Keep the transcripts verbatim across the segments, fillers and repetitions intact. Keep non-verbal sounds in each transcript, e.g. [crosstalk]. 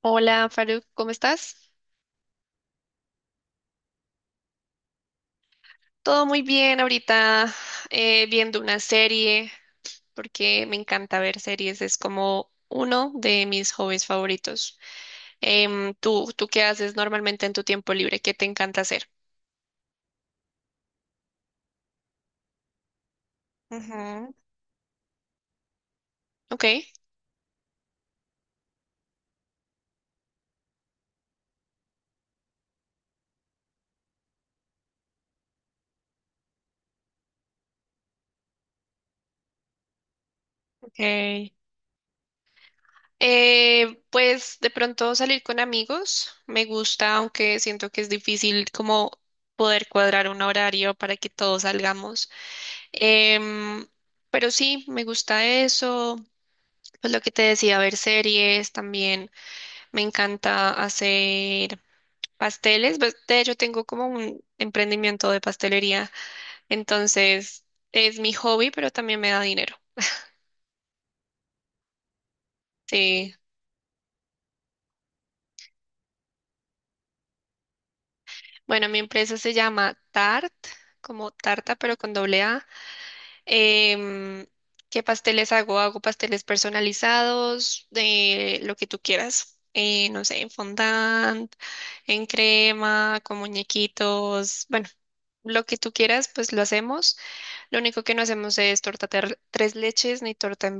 Hola, Faruk, ¿cómo estás? Todo muy bien ahorita, eh, viendo una serie porque me encanta ver series, es como uno de mis hobbies favoritos. Em, ¿tú, tú qué haces normalmente en tu tiempo libre? ¿Qué te encanta hacer? Ujú. Ok. Ok. Eh, pues de pronto salir con amigos me gusta, aunque siento que es difícil como poder cuadrar un horario para que todos salgamos. Em, pero sí, me gusta eso. Pues lo que te decía, ver series también. Me encanta hacer pasteles. Pues, de hecho, tengo como un emprendimiento de pastelería. Entonces, es mi hobby, pero también me da dinero. Sí. Bueno, mi empresa se llama Tart, como tarta, pero con doble A. Em, ¿Qué pasteles hago? Hago pasteles personalizados, de lo que tú quieras. Eh, no sé, en fondant, en crema, con muñequitos, bueno, lo que tú quieras, pues lo hacemos. Lo único que no hacemos es torta ter- tres leches ni torta en…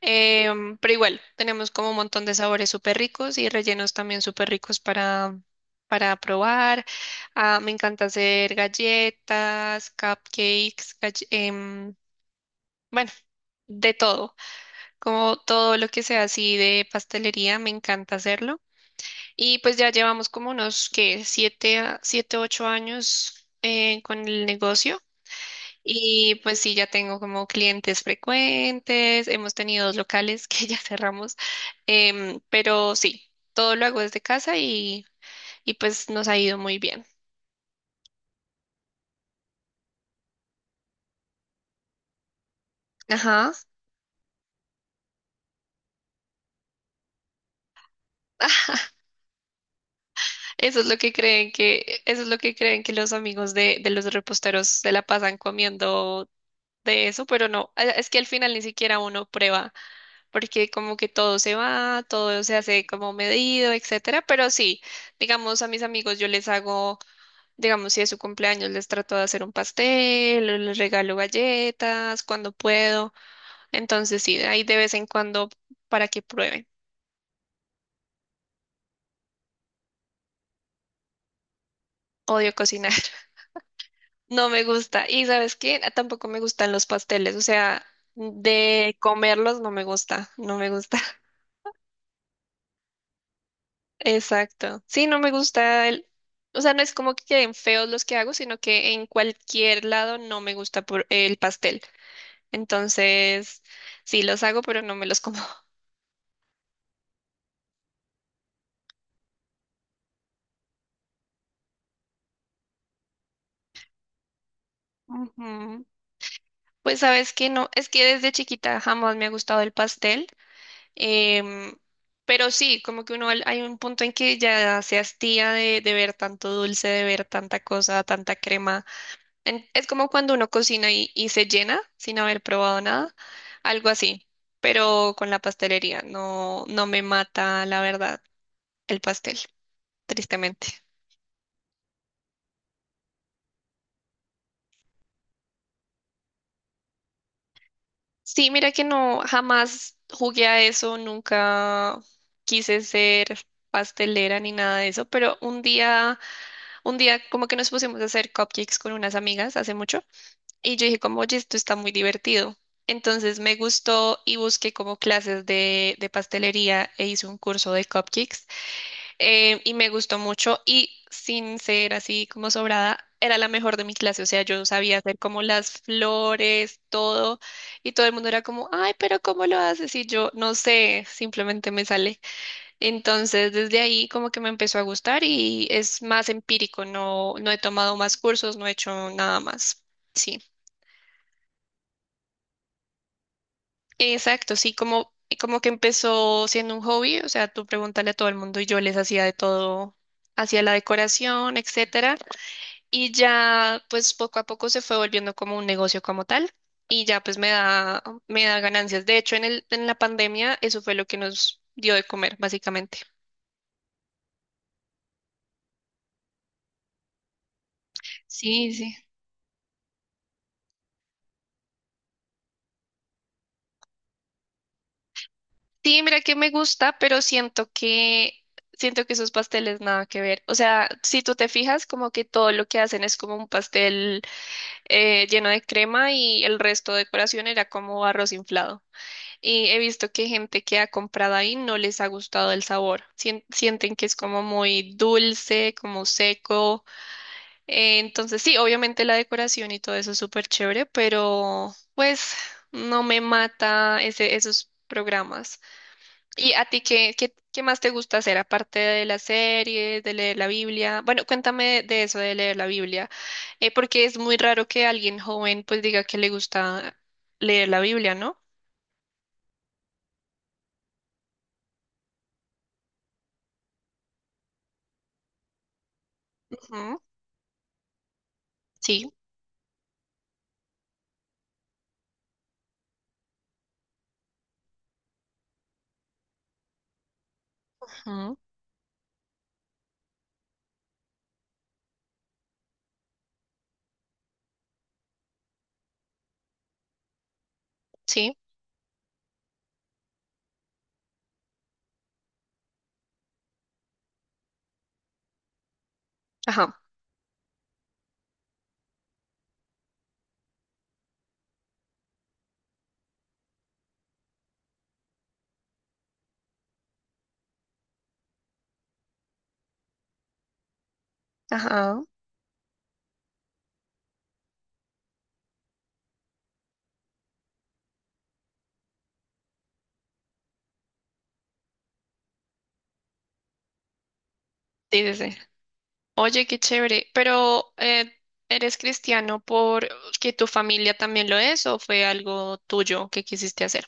Em, pero igual, tenemos como un montón de sabores súper ricos y rellenos también súper ricos para, para probar. Ah, me encanta hacer galletas, cupcakes, galle- em, bueno, de todo. Como todo lo que sea así de pastelería, me encanta hacerlo. Y pues ya llevamos como unos, que siete, a- siete, ocho años eh, con el negocio. Y pues sí, ya tengo como clientes frecuentes, hemos tenido dos locales que [laughs] ya cerramos, em, pero sí, todo lo hago desde casa y, y pues nos ha ido muy bien. Ajá, eso es lo que creen que, eso es lo que creen, que los amigos de, de los reposteros se la pasan comiendo de eso, pero no, a- es que al final ni siquiera uno prueba, porque como que todo se va, todo se hace como medido, etcétera, pero sí, digamos, a mis amigos yo les hago… Digamos, si es su cumpleaños, les trato de hacer un pastel, o les regalo galletas cuando puedo. Entonces, sí, ahí de vez en cuando para que prueben. Odio cocinar, [laughs] no me gusta. Y ¿sabes qué? Tampoco me gustan los pasteles, o sea, de comerlos no me gusta, no me gusta. [laughs] Exacto. Sí, no me gusta el… O sea, no es como que queden feos los que hago, sino que en cualquier lado no me gusta por el pastel. Entonces, sí los hago, pero no me los como. Ujú. Pues sabes que no, es que desde chiquita jamás me ha gustado el pastel, em, pero sí, como que uno al- hay un punto en que ya se hastía de, de ver tanto dulce, de ver tanta cosa, tanta crema. En- es como cuando uno cocina y, y se llena sin haber probado nada, algo así, pero con la pastelería, no, no me mata la verdad el pastel, tristemente. Sí, mira que no, jamás jugué a eso, nunca quise ser pastelera ni nada de eso, pero un día, un día como que nos pusimos a hacer cupcakes con unas amigas hace mucho y yo dije como, oye, esto está muy divertido. Entonces me gustó y busqué como clases de, de pastelería e hice un curso de cupcakes, eh, y me gustó mucho y sin ser así como sobrada, era la mejor de mi clase, o sea, yo sabía hacer como las flores, todo, y todo el mundo era como, ay, pero ¿cómo lo haces? Y yo no sé, simplemente me sale. Entonces, desde ahí como que me empezó a gustar y es más empírico, no, no he tomado más cursos, no he hecho nada más. Sí, exacto, sí, como, como que empezó siendo un hobby, o sea, tú pregúntale a todo el mundo y yo les hacía de todo, hacía la decoración, etcétera. Y ya, pues poco a poco se fue volviendo como un negocio como tal. Y ya, pues me da, me da ganancias. De hecho, en el, en la pandemia, eso fue lo que nos dio de comer, básicamente. Sí, sí. Sí, mira que me gusta, pero siento que, siento que esos pasteles nada que ver. O sea, si tú te fijas, como que todo lo que hacen es como un pastel eh, lleno de crema y el resto de decoración era como arroz inflado. Y he visto que gente que ha comprado ahí no les ha gustado el sabor. Sien- sienten que es como muy dulce, como seco. Eh, entonces, sí, obviamente la decoración y todo eso es súper chévere, pero pues no me mata ese, esos programas. ¿Y a ti qué, qué, qué más te gusta hacer aparte de las series, de leer la Biblia? Bueno, cuéntame de eso de leer la Biblia, eh, porque es muy raro que alguien joven pues diga que le gusta leer la Biblia, ¿no? Ujú. Sí. Sí, ajá, ajá. Sí, sí, sí. Oye, qué chévere. Pero, eh, ¿eres cristiano por que tu familia también lo es o fue algo tuyo que quisiste hacer?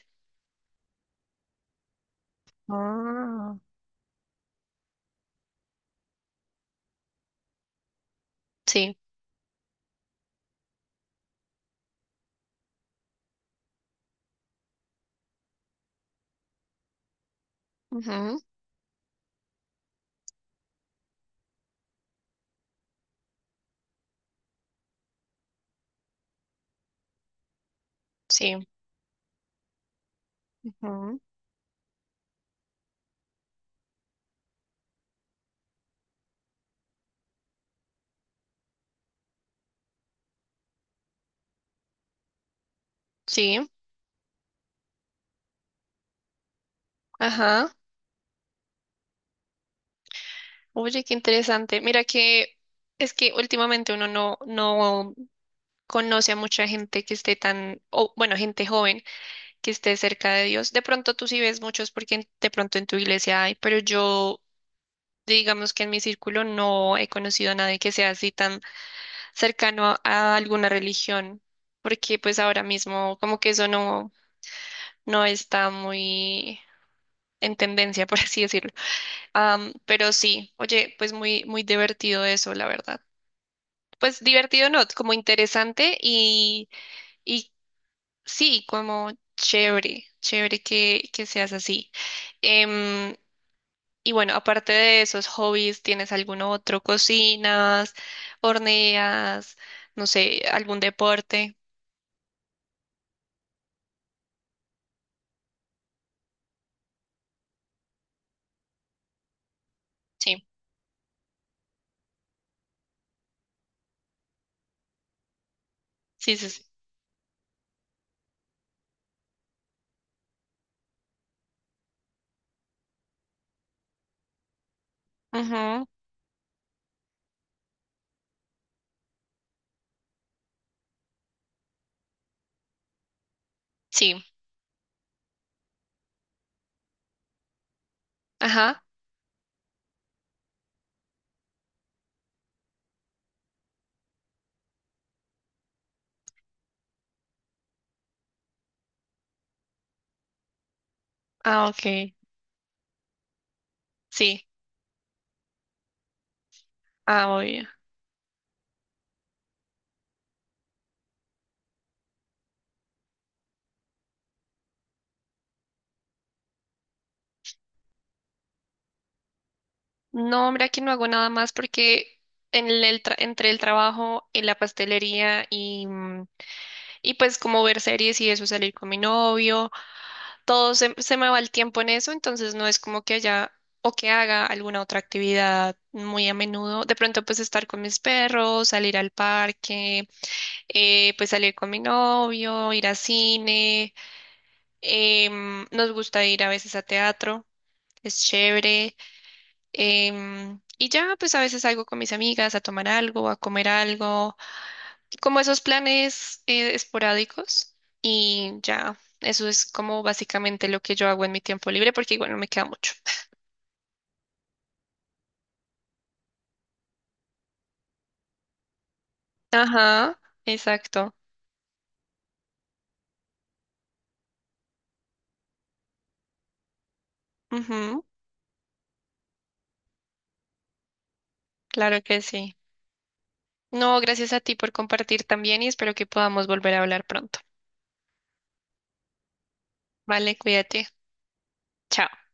Ah, sí, ujú, sí, ujú, sí, ajá. Oye, qué interesante. Mira que es que últimamente uno no, no conoce a mucha gente que esté tan, o bueno, gente joven que esté cerca de Dios. De pronto tú sí ves muchos porque en- de pronto en tu iglesia hay, pero yo… Digamos que en mi círculo no he conocido a nadie que sea así tan cercano a alguna religión, porque pues ahora mismo como que eso no, no está muy en tendencia, [laughs] por así decirlo. Am, pero sí, oye, pues muy, muy divertido eso, la verdad. Pues divertido no, como interesante y, y sí, como chévere, chévere que, que seas así. Em, Y bueno, aparte de esos hobbies, ¿tienes algún otro? ¿Cocinas? ¿Horneas? No sé, algún deporte. Sí, sí, sí, sí. Ujú. Sí, ajá. Ah, ok. Sí, ah, obvio. No, mira que no hago nada más porque en el tra- entre el trabajo, en la pastelería y, mm, y pues como ver series y eso, salir con mi novio. Todo se, se me va el tiempo en eso, entonces no es como que haya o que haga alguna otra actividad muy a menudo. De pronto, pues estar con mis perros, salir al parque, eh, pues salir con mi novio, ir a cine. Em, nos gusta ir a veces a teatro, es chévere. Em, y ya, pues a veces salgo con mis amigas a tomar algo, a comer algo, como esos planes eh, esporádicos. Y ya, eso es como básicamente lo que yo hago en mi tiempo libre, porque igual no me queda mucho. Ajá, exacto. Ujú, claro que sí. No, gracias a ti por compartir también y espero que podamos volver a hablar pronto. Vale, cuídate. Chao.